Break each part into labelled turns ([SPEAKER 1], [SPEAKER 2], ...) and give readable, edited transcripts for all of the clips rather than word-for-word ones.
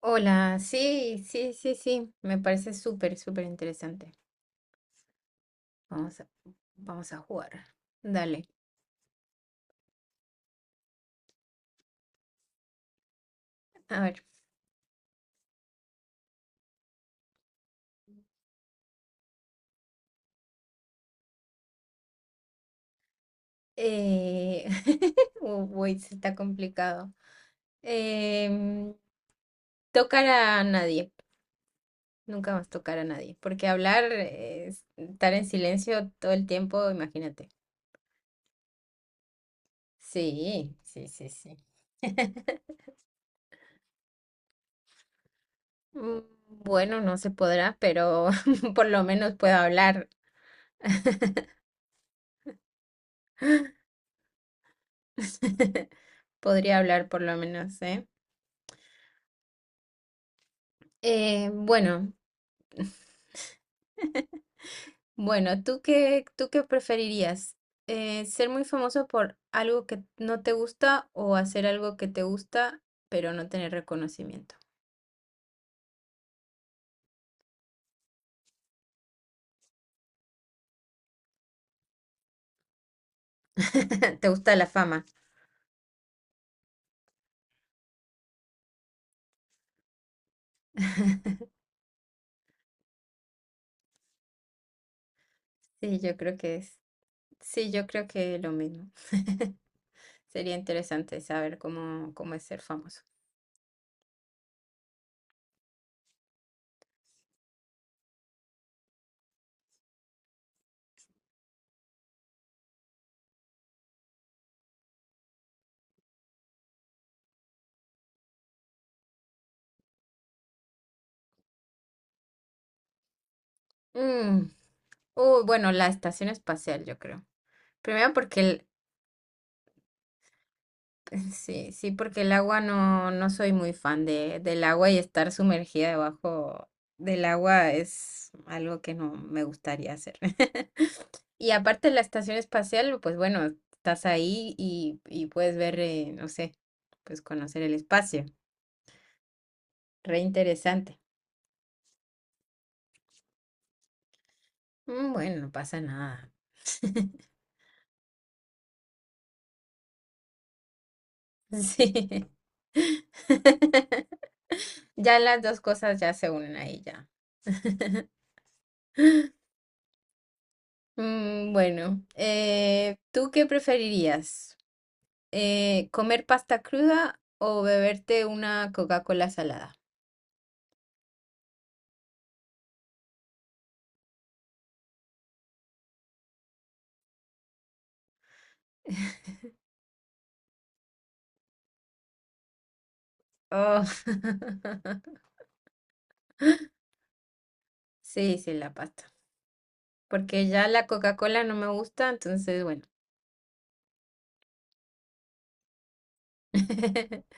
[SPEAKER 1] Hola, sí, sí, sí, sí, me parece súper, súper interesante. Vamos a, vamos a jugar. Dale, a ver. Eh... Uy, se está complicado. Em, tocar a nadie, nunca más tocar a nadie, porque hablar, es estar en silencio todo el tiempo, imagínate. Sí, sí, sí, sí. Mm, Bueno, no se podrá, pero por lo menos puedo hablar. Podría hablar por lo menos, ¿eh? Bueno, bueno, ¿tú qué preferirías? ¿Ser muy famoso por algo que no te gusta o hacer algo que te gusta pero no tener reconocimiento? ¿Te gusta la fama? Sí, yo creo que es. Sí, yo creo que lo mismo. Sería interesante saber cómo es ser famoso. Mm, bueno, la estación espacial, yo creo. Primero porque. Sí, sí, porque el agua no soy muy fan del agua y estar sumergida debajo del agua es algo que no me gustaría hacer. Y aparte la estación espacial, pues bueno, estás ahí y puedes ver, no sé, pues conocer el espacio. Re interesante. Bueno, no pasa nada. Sí. Ya las dos cosas ya se unen ahí ya. Bueno, ¿tú qué preferirías? ¿Comer pasta cruda o beberte una Coca-Cola salada? Oh. Sí, sí, la pasta. Porque ya la Coca-Cola no me gusta, entonces, bueno.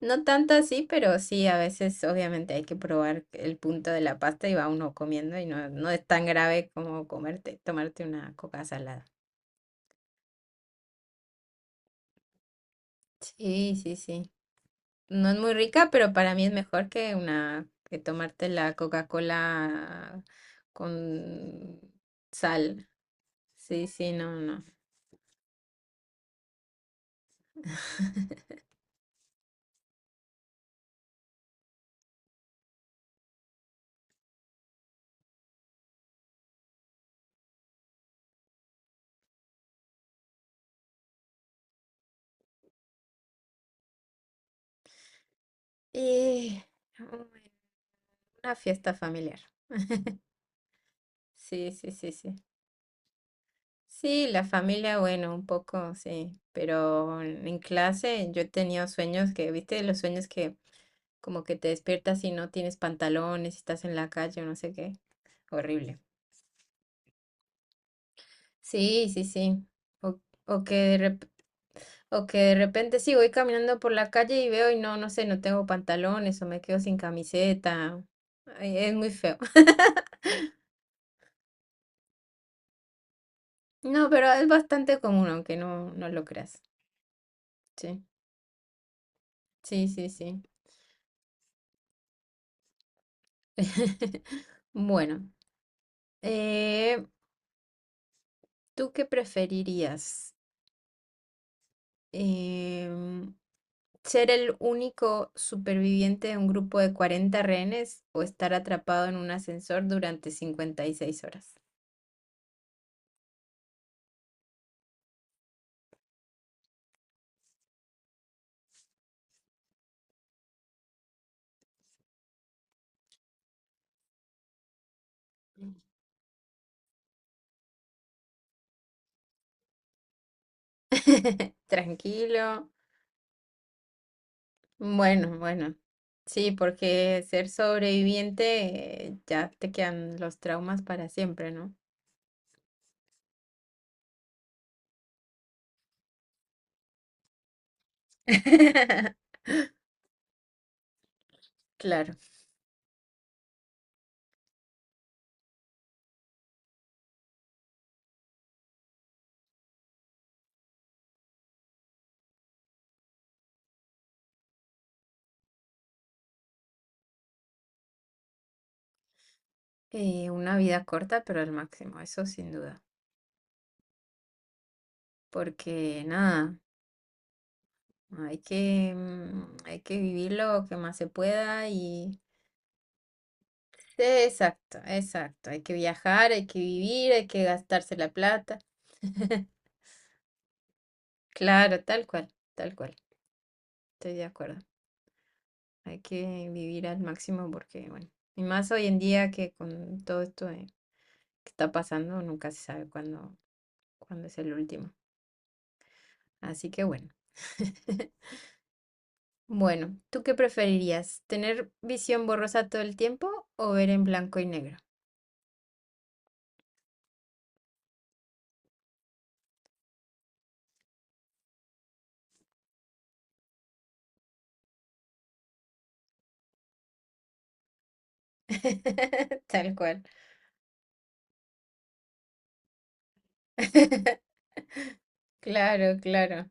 [SPEAKER 1] No tanto así, pero sí, a veces obviamente hay que probar el punto de la pasta y va uno comiendo y no es tan grave como comerte, tomarte una coca salada. Sí, sí, sí. No es muy rica, pero para mí es mejor que que tomarte la Coca-Cola con sal. Sí, sí, no, no. Y bueno, una fiesta familiar. Sí, sí, sí, sí. Sí, la familia, bueno, un poco, sí. Pero en clase yo he tenido sueños que, viste, los sueños que como que te despiertas y no tienes pantalones, estás en la calle o no sé qué. Horrible. Sí, sí, sí. O, o que de O que de repente sí voy caminando por la calle y veo y no sé, no tengo pantalones o me quedo sin camiseta. Ay, es muy feo. No, pero es bastante común, aunque no lo creas. Sí, sí, sí, sí. Bueno, eh, ¿tú qué preferirías? Em, ¿ser el único superviviente de un grupo de 40 rehenes o estar atrapado en un ascensor durante 56 horas? Tranquilo. Bueno, bueno, sí, porque ser sobreviviente, ya te quedan los traumas para siempre, ¿no? Claro, una vida corta, pero al máximo, eso sin duda, porque nada, hay que vivir lo que más se pueda y... Sí, exacto, exacto, hay que viajar, hay que vivir, hay que gastarse la plata. Claro, tal cual, estoy de acuerdo. Hay que vivir al máximo porque, bueno, y más hoy en día que con todo esto que está pasando, nunca se sabe cuándo es el último. Así que bueno. Bueno, ¿tú qué preferirías? ¿Tener visión borrosa todo el tiempo o ver en blanco y negro? Tal cual. Claro, claro.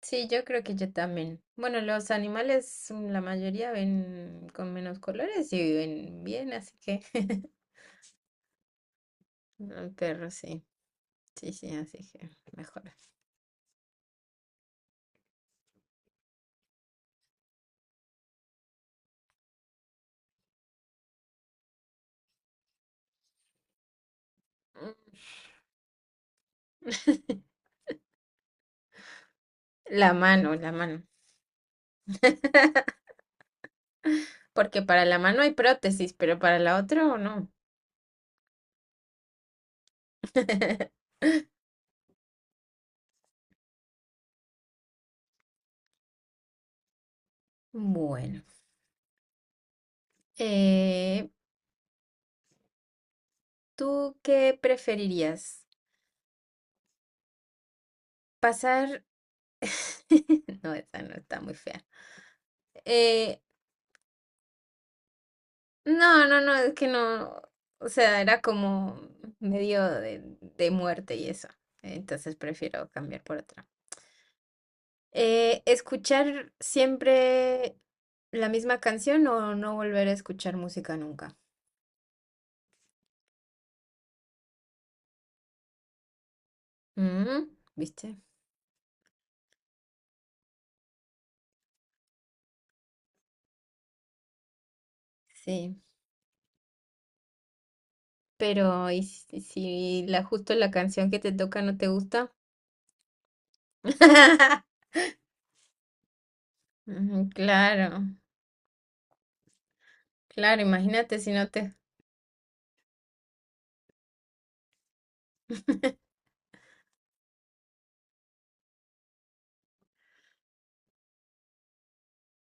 [SPEAKER 1] Sí, yo creo que yo también. Bueno, los animales, la mayoría ven con menos colores y viven bien, así que el perro sí. Sí, sí, así que mejor. La mano, la mano. Porque para la mano hay prótesis, pero para la otra no. Bueno, eh, ¿tú qué preferirías? Pasar... No, esa no está muy fea. Eh, no, no, no, es que no. O sea, era como medio de muerte y eso. Entonces prefiero cambiar por otra. ¿Escuchar siempre la misma canción o no volver a escuchar música nunca? Mm, ¿Viste? Sí. Pero, ¿y si la justo la canción que te toca no te gusta? Ujú, claro, claro, imagínate si no te...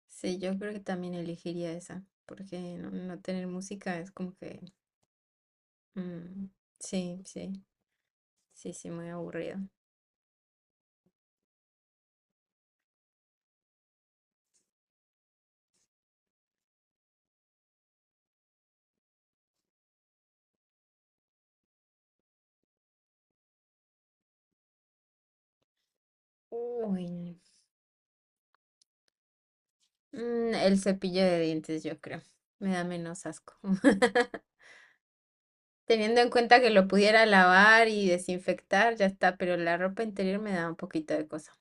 [SPEAKER 1] Sí, yo creo que también elegiría esa, porque no tener música es como que... Mm, sí, sí, sí, sí, muy aburrido. Uy, el cepillo de dientes, yo creo. Me da menos asco. Teniendo en cuenta que lo pudiera lavar y desinfectar, ya está, pero la ropa interior me da un poquito de cosa.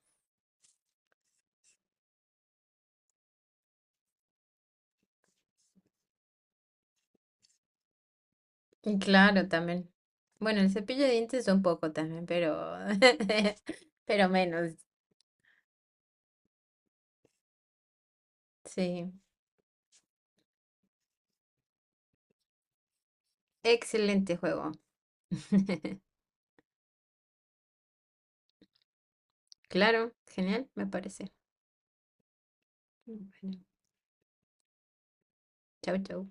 [SPEAKER 1] Y claro, también. Bueno, el cepillo de dientes un poco también, pero pero menos. Sí. Excelente juego. Claro, genial, me parece. Bueno, chau, chau.